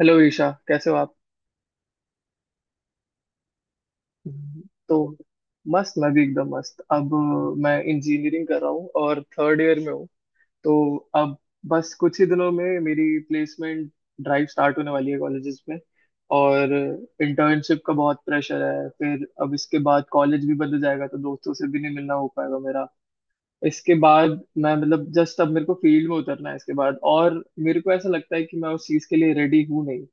Hello Isha, कैसे हो आप? तो मस्त। मैं भी एकदम मस्त। अब मैं इंजीनियरिंग कर रहा हूँ और थर्ड ईयर में हूँ। तो अब बस कुछ ही दिनों में मेरी प्लेसमेंट ड्राइव स्टार्ट होने वाली है कॉलेजेस में, और इंटर्नशिप का बहुत प्रेशर है। फिर अब इसके बाद कॉलेज भी बदल जाएगा, तो दोस्तों से भी नहीं मिलना हो पाएगा मेरा। इसके बाद मैं मतलब जस्ट अब मेरे को फील्ड में उतरना है इसके बाद, और मेरे को ऐसा लगता है कि मैं उस चीज़ के लिए रेडी हूँ नहीं।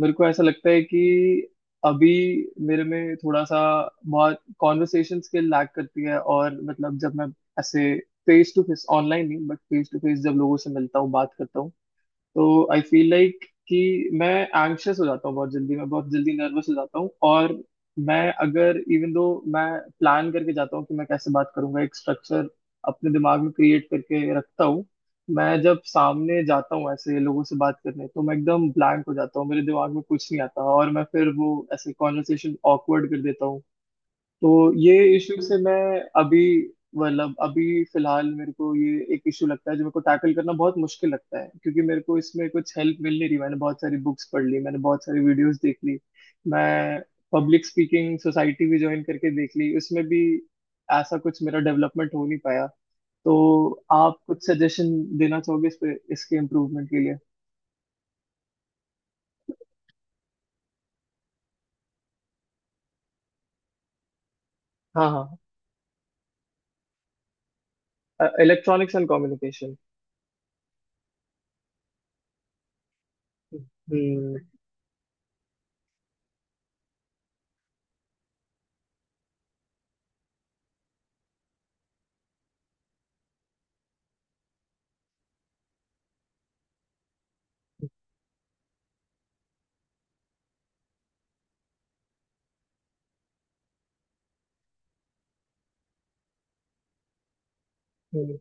मेरे को ऐसा लगता है कि अभी मेरे में थोड़ा सा बहुत कॉन्वर्सेशन स्किल लैक करती है। और मतलब जब मैं ऐसे फेस टू फेस, ऑनलाइन नहीं बट फेस टू फेस, जब लोगों से मिलता हूँ बात करता हूँ, तो आई फील लाइक कि मैं एंग्शियस हो जाता हूँ बहुत जल्दी, मैं बहुत जल्दी नर्वस हो जाता हूँ। और मैं अगर इवन दो मैं प्लान करके जाता हूँ कि मैं कैसे बात करूंगा, एक स्ट्रक्चर अपने दिमाग में क्रिएट करके रखता हूँ। मैं जब सामने जाता हूँ ऐसे लोगों से बात करने, तो मैं एकदम ब्लैंक हो जाता हूँ, मेरे दिमाग में कुछ नहीं आता और मैं फिर वो ऐसे कॉन्वर्सेशन ऑकवर्ड कर देता हूँ। तो ये इश्यू से मैं अभी मतलब अभी फिलहाल मेरे को ये एक इशू लगता है जो मेरे को टैकल करना बहुत मुश्किल लगता है, क्योंकि मेरे को इसमें कुछ हेल्प मिल नहीं रही। मैंने बहुत सारी बुक्स पढ़ ली, मैंने बहुत सारी वीडियोस देख ली, मैं पब्लिक स्पीकिंग सोसाइटी भी ज्वाइन करके देख ली, उसमें भी ऐसा कुछ मेरा डेवलपमेंट हो नहीं पाया। तो आप कुछ सजेशन देना चाहोगे इस पे, इसके इम्प्रूवमेंट के लिए? हाँ हाँ। Electronics and communication. हम्म। हम्म,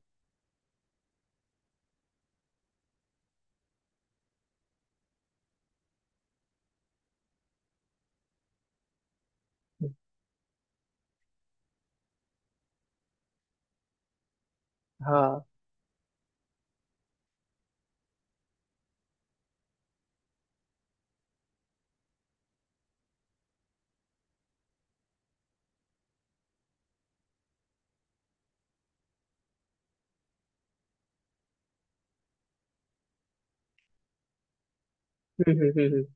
हम्म, हाँ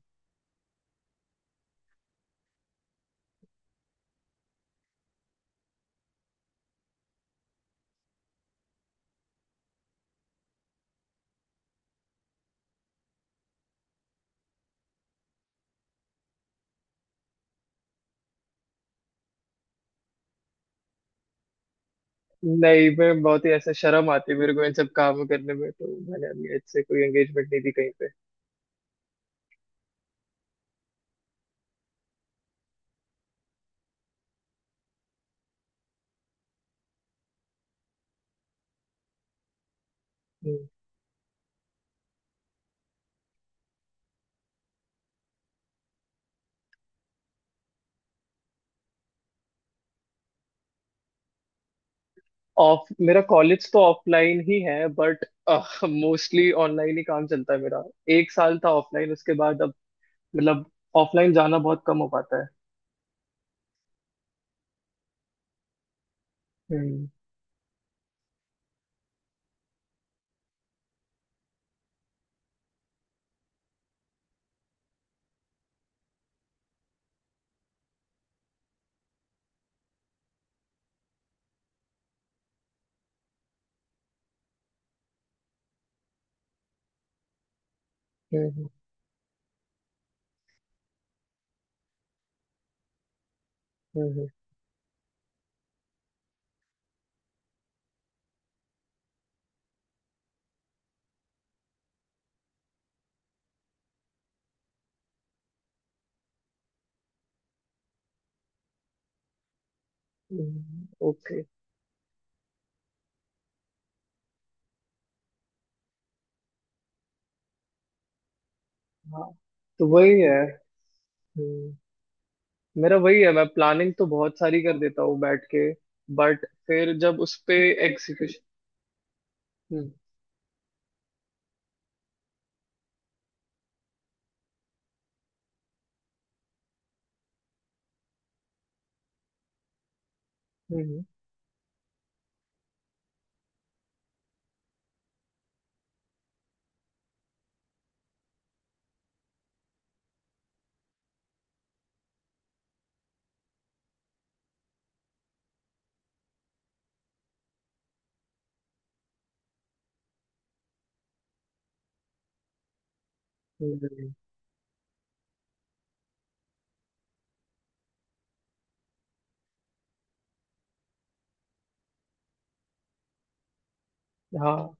नहीं, मैं बहुत ही ऐसा शर्म आती है मेरे को इन सब काम करने में, तो मैंने अभी इससे कोई एंगेजमेंट नहीं दी कहीं पे। हम्म। ऑफ मेरा कॉलेज तो ऑफलाइन ही है, बट मोस्टली ऑनलाइन ही काम चलता है मेरा। एक साल था ऑफलाइन, उसके बाद अब मतलब ऑफलाइन जाना बहुत कम हो पाता है। हम्म। हम्म। हम्म। हम्म। ओके। हाँ, तो वही है। हम्म, मेरा वही है, मैं प्लानिंग तो बहुत सारी कर देता हूँ बैठ के, बट फिर जब उस पे एग्जीक्यूशन। हम्म। हम्म। हम्म, हम्म। हाँ।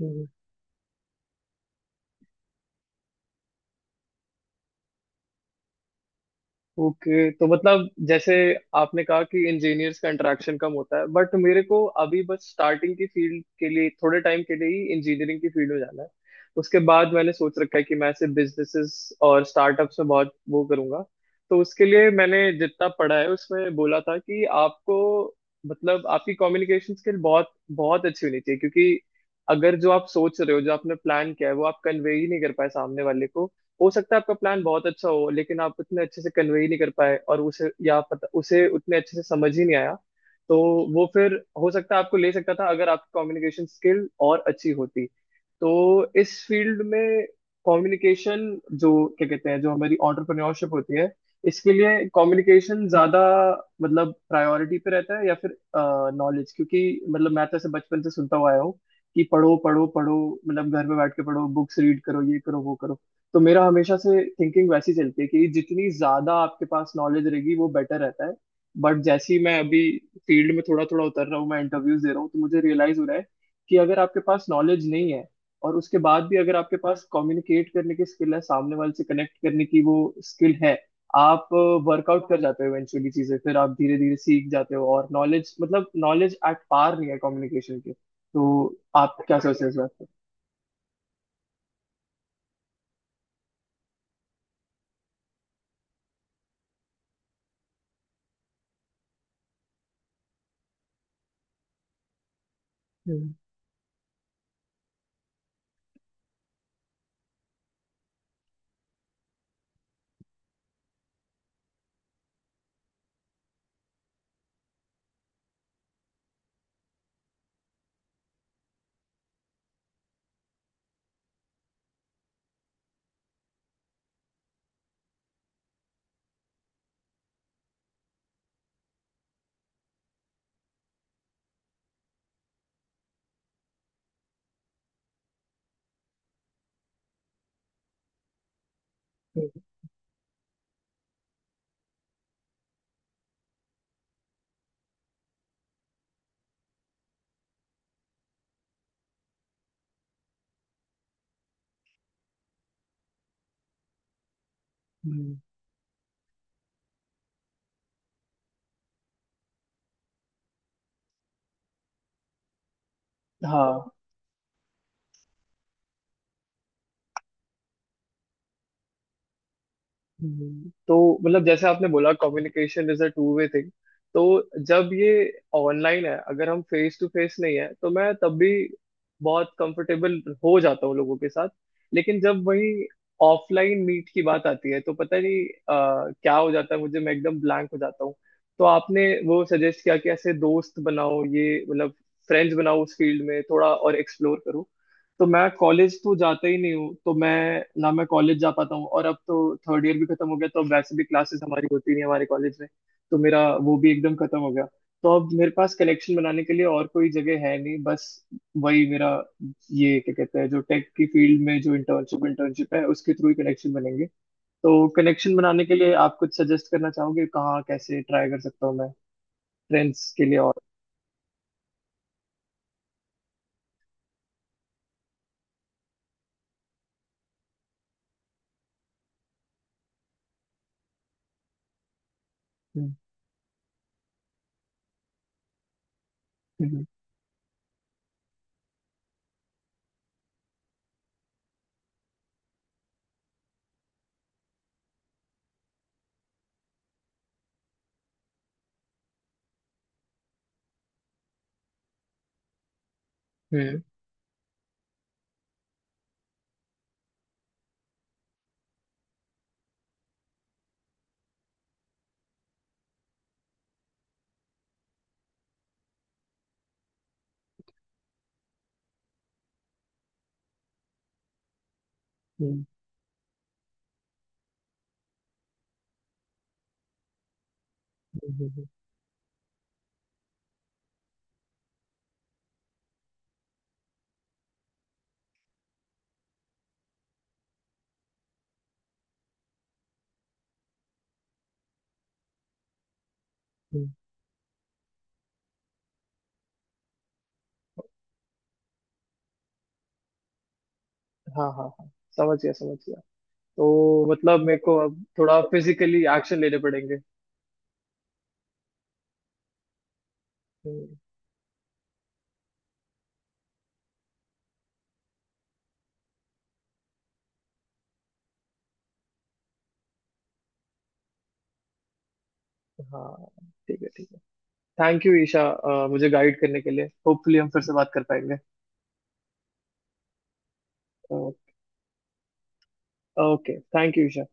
हम्म, ओके। तो मतलब जैसे आपने कहा कि इंजीनियर्स का इंटरेक्शन कम होता है, बट मेरे को अभी बस स्टार्टिंग की फील्ड के लिए थोड़े टाइम के लिए ही इंजीनियरिंग की फील्ड में जाना है। उसके बाद मैंने सोच रखा है कि मैं ऐसे बिजनेसेस और स्टार्टअप्स में बहुत वो करूंगा। तो उसके लिए मैंने जितना पढ़ा है, उसमें बोला था कि आपको मतलब आपकी कम्युनिकेशन स्किल बहुत बहुत अच्छी होनी चाहिए, क्योंकि अगर जो आप सोच रहे हो, जो आपने प्लान किया है, वो आप कन्वे ही नहीं कर पाए सामने वाले को। हो सकता है आपका प्लान बहुत अच्छा हो, लेकिन आप उतने अच्छे से कन्वे नहीं कर पाए और उसे, या पता उसे उतने अच्छे से समझ ही नहीं आया। तो वो फिर हो सकता है आपको ले सकता था अगर आपकी कम्युनिकेशन स्किल और अच्छी होती। तो इस फील्ड में कम्युनिकेशन, जो क्या कहते हैं, जो हमारी एंटरप्रेन्योरशिप होती है, इसके लिए कम्युनिकेशन ज्यादा मतलब प्रायोरिटी पे रहता है, या फिर नॉलेज? क्योंकि मतलब मैं तो ऐसे बचपन से सुनता हुआ आया हूँ कि पढ़ो पढ़ो पढ़ो, मतलब घर में बैठ के पढ़ो, बुक्स रीड करो, ये करो वो करो। तो मेरा हमेशा से थिंकिंग वैसी चलती है कि जितनी ज्यादा आपके पास नॉलेज रहेगी वो बेटर रहता है। बट जैसे ही मैं अभी फील्ड में थोड़ा थोड़ा उतर रहा हूँ, मैं इंटरव्यूज दे रहा हूँ, तो मुझे रियलाइज हो रहा है कि अगर आपके पास नॉलेज नहीं है और उसके बाद भी अगर आपके पास कम्युनिकेट करने की स्किल है, सामने वाले से कनेक्ट करने की वो स्किल है, आप वर्कआउट कर जाते हो इवेंचुअली। चीजें फिर आप धीरे धीरे सीख जाते हो, और नॉलेज मतलब नॉलेज एट पार नहीं है कम्युनिकेशन के। तो आप क्या सोचते हो इस बात पे? हम्म। हम्म, हम्म। हाँ। तो मतलब जैसे आपने बोला communication is a two way thing. तो जब ये ऑनलाइन है, अगर हम फेस टू फेस नहीं है, तो मैं तब भी बहुत कंफर्टेबल हो जाता हूँ लोगों के साथ। लेकिन जब वही ऑफलाइन मीट की बात आती है, तो पता नहीं क्या हो जाता है मुझे, मैं एकदम ब्लैंक हो जाता हूँ। तो आपने वो सजेस्ट किया कि ऐसे दोस्त बनाओ, ये मतलब फ्रेंड्स बनाओ, उस फील्ड में थोड़ा और एक्सप्लोर करो। तो मैं कॉलेज तो जाता ही नहीं हूँ, तो मैं ना मैं कॉलेज जा पाता हूँ, और अब तो थर्ड ईयर भी खत्म हो गया, तो अब वैसे भी क्लासेस हमारी होती नहीं हमारे कॉलेज में। तो मेरा वो भी एकदम खत्म हो गया। तो अब मेरे पास कलेक्शन बनाने के लिए और कोई जगह है नहीं, बस वही मेरा, ये क्या कहते हैं, जो टेक की फील्ड में जो इंटर्नशिप इंटर्नशिप है, उसके थ्रू ही कनेक्शन बनेंगे। तो कनेक्शन बनाने के लिए आप कुछ सजेस्ट करना चाहोगे कहाँ कैसे ट्राई कर सकता हूँ मैं फ्रेंड्स के लिए? और हम्म। हम्म। हम्म। हम्म। हम्म, हम्म, हम्म, हाँ हाँ हाँ, समझ गया समझ गया। तो मतलब मेरे को अब थोड़ा फिजिकली एक्शन लेने पड़ेंगे। हम्म, हाँ। ठीक है, ठीक है। थैंक यू ईशा, मुझे गाइड करने के लिए। होपफुली हम फिर से बात कर पाएंगे। Okay, thank you Isha.